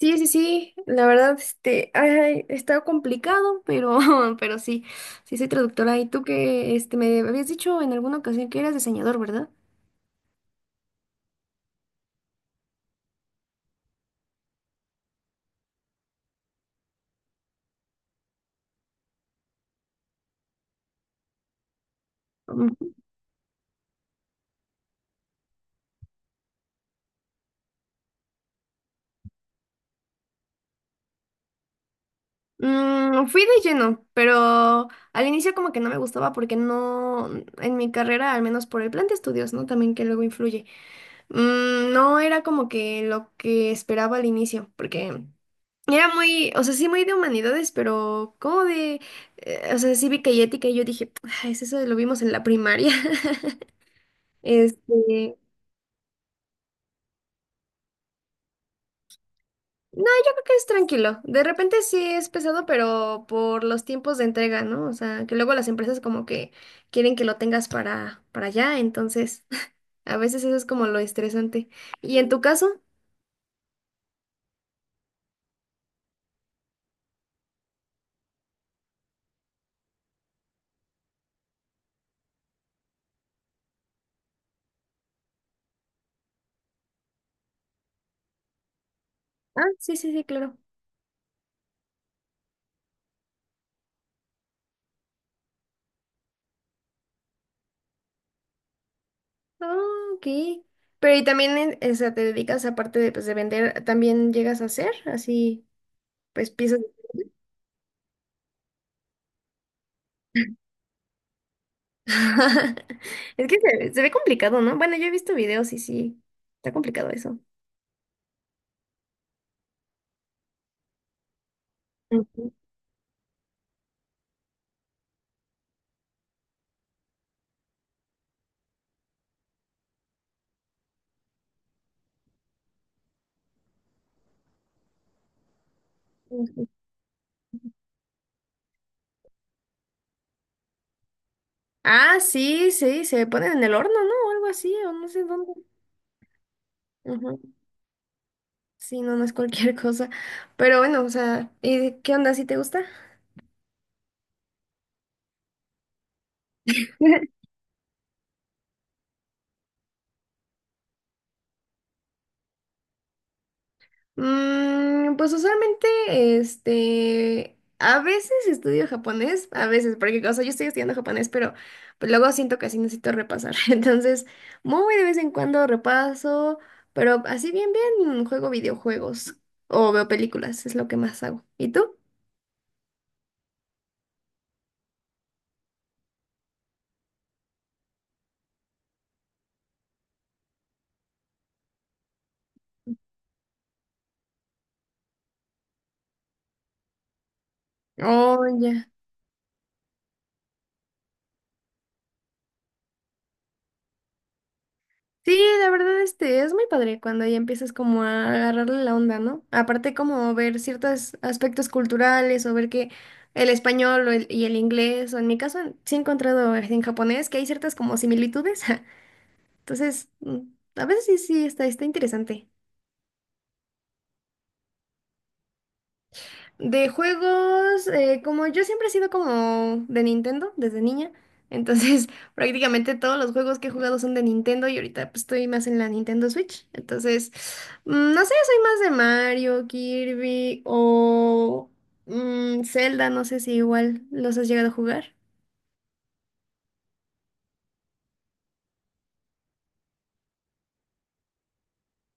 Sí, sí, sí, la verdad, ay, está complicado, pero, pero sí, sí soy traductora. Y tú que, me habías dicho en alguna ocasión que eras diseñador, ¿verdad? Ujú. Fui de lleno, pero al inicio como que no me gustaba porque no, en mi carrera, al menos por el plan de estudios, ¿no? También que luego influye. No era como que lo que esperaba al inicio, porque era muy, o sea, sí muy de humanidades, pero como de, o sea, cívica y ética, y yo dije, "Ay, es eso lo vimos en la primaria." Este, no, yo creo que es tranquilo. De repente sí es pesado, pero por los tiempos de entrega, ¿no? O sea, que luego las empresas como que quieren que lo tengas para, allá, entonces a veces eso es como lo estresante. ¿Y en tu caso? Ah, sí, sí, sí, claro. Ah, ok. Pero y también, en- o sea, te dedicas, aparte de, pues, de vender, ¿también llegas a hacer así? Pues piezas. Es que se ve complicado, ¿no? Bueno, yo he visto videos y sí, está complicado eso. Ujú, ujú. Ah, sí, sí, se ponen en el horno, ¿no? O algo así, o no sé dónde. Ujú. Sí, no, no es cualquier cosa. Pero bueno, o sea, ¿y qué onda, si te gusta? Pues usualmente, a veces estudio japonés, a veces, porque, o sea, yo estoy estudiando japonés, pero pues, luego siento que así necesito repasar. Entonces, muy de vez en cuando repaso, pero así bien, bien, juego videojuegos o veo películas, es lo que más hago. ¿Y tú? Oh, ya. Sí, la verdad, es muy padre cuando ya empiezas como a agarrarle la onda, ¿no? Aparte como ver ciertos aspectos culturales o ver que el español y el inglés, o en mi caso sí he encontrado en japonés que hay ciertas como similitudes. Entonces, a veces sí, sí, está, está interesante. De juegos, como yo siempre he sido como de Nintendo desde niña, entonces prácticamente todos los juegos que he jugado son de Nintendo y ahorita pues, estoy más en la Nintendo Switch, entonces no sé, soy más de Mario, Kirby o Zelda, no sé si igual los has llegado a jugar.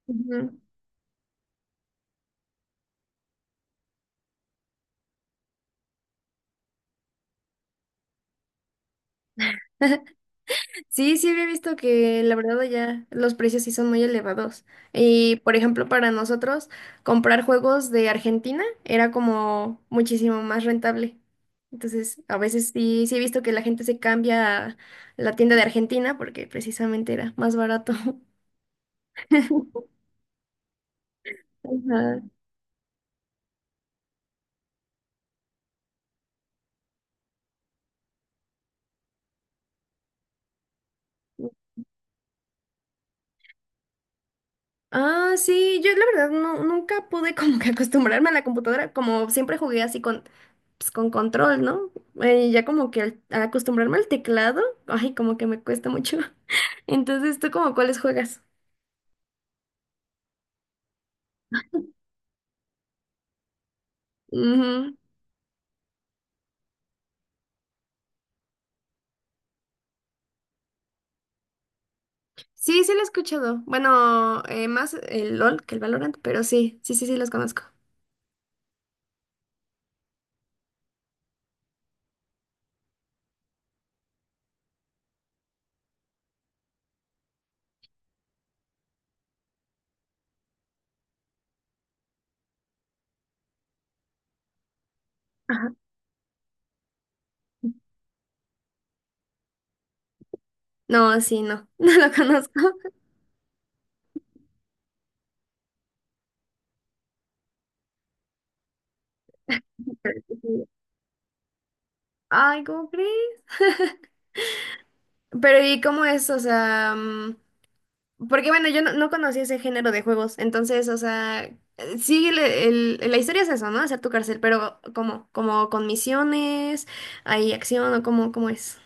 Ujú. Sí, sí había visto que la verdad ya los precios sí son muy elevados. Y por ejemplo, para nosotros comprar juegos de Argentina era como muchísimo más rentable. Entonces, a veces sí, sí he visto que la gente se cambia a la tienda de Argentina porque precisamente era más barato. Ajá. Ah, sí, yo la verdad no, nunca pude como que acostumbrarme a la computadora, como siempre jugué así con, pues, con control, ¿no? Ya como que al acostumbrarme al teclado, ay, como que me cuesta mucho. Entonces, ¿tú como cuáles juegas? Ujú. Sí, sí lo he escuchado. Bueno, más el LOL que el Valorant, pero sí, sí, sí, sí los conozco. Ajá. No, sí, no, no lo conozco. Pero sí. Ay, ¿cómo crees? Pero ¿y cómo es? O sea, porque bueno, yo no, no conocía ese género de juegos, entonces, o sea, sí, la historia es eso, ¿no? Hacer tu cárcel, pero como, como con misiones, ¿hay acción o cómo, cómo es?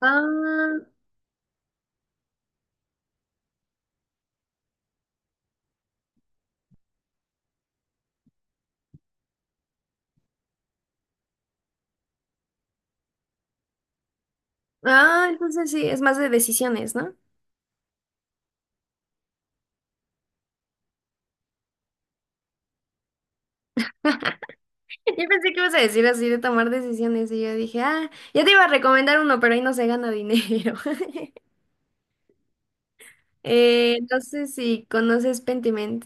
Ah, ah, entonces sí, es más de decisiones, ¿no? Yo pensé que ibas a decir así de tomar decisiones y yo dije, ah, ya te iba a recomendar uno, pero ahí no se gana dinero. No sé si conoces Pentiment.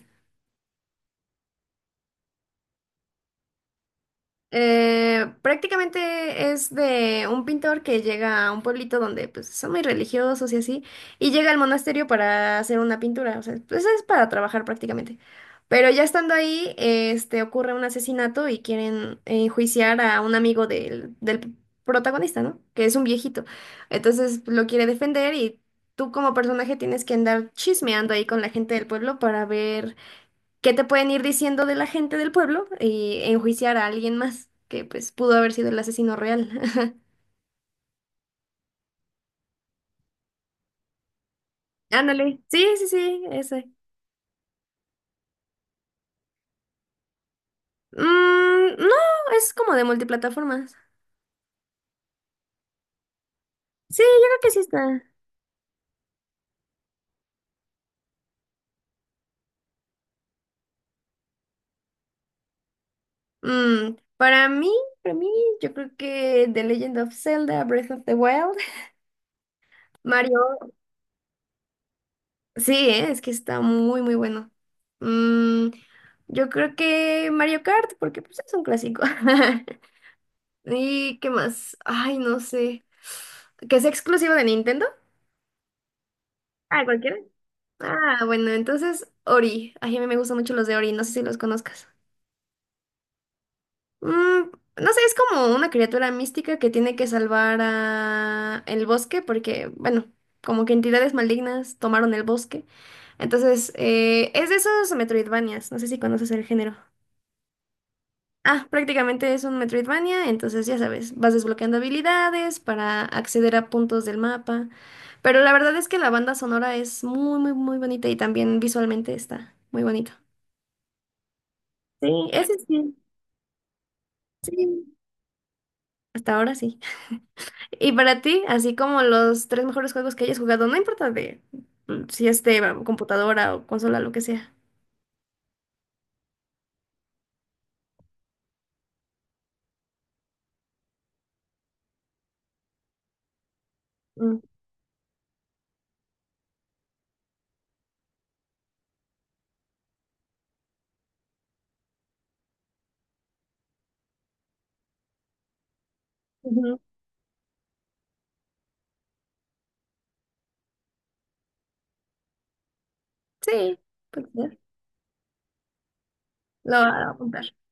Prácticamente es de un pintor que llega a un pueblito donde pues son muy religiosos y así, y llega al monasterio para hacer una pintura, o sea, pues es para trabajar prácticamente. Pero ya estando ahí, ocurre un asesinato y quieren enjuiciar a un amigo del protagonista, ¿no? Que es un viejito. Entonces pues, lo quiere defender y tú como personaje tienes que andar chismeando ahí con la gente del pueblo para ver qué te pueden ir diciendo de la gente del pueblo. Y enjuiciar a alguien más que pues pudo haber sido el asesino real. Ándale. Sí, sí, sí, ese. Mm, no, es como de multiplataformas. Sí, yo creo que sí está. Mm, para mí, para mí, yo creo que The Legend of Zelda, Breath of the Wild. Mario, sí, es que está muy, muy bueno. Mm, yo creo que Mario Kart, porque pues es un clásico. ¿Y qué más? Ay, no sé. ¿Que es exclusivo de Nintendo? Ah, cualquiera. Ah, bueno, entonces Ori. Ay, a mí me gustan mucho los de Ori, no sé si los conozcas. Mm, no sé, es como una criatura mística que tiene que salvar a el bosque porque, bueno, como que entidades malignas tomaron el bosque. Entonces, es de esos Metroidvanias, no sé si conoces el género. Ah, prácticamente es un Metroidvania, entonces ya sabes, vas desbloqueando habilidades para acceder a puntos del mapa. Pero la verdad es que la banda sonora es muy, muy, muy bonita y también visualmente está muy bonito. Sí, ese sí, sí, hasta ahora sí. Y para ti, así como los tres mejores juegos que hayas jugado, no importa de si es de computadora o consola, lo que sea. Mm, ujú, sí, pues ya, lo voy a apuntar.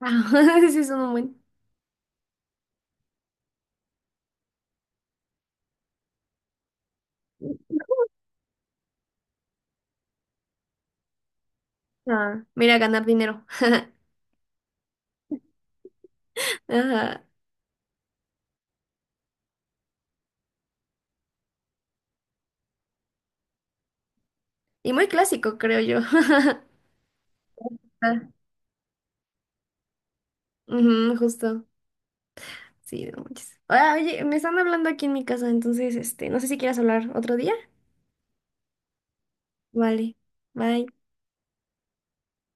Ah, sí, son un buen. Ah, mira, ganar dinero. Ajá. Y muy clásico, creo yo. Ah, ujú, justo. Sí, no manches. Ah, oye, me están hablando aquí en mi casa, entonces, no sé si quieras hablar otro día. Vale. Bye.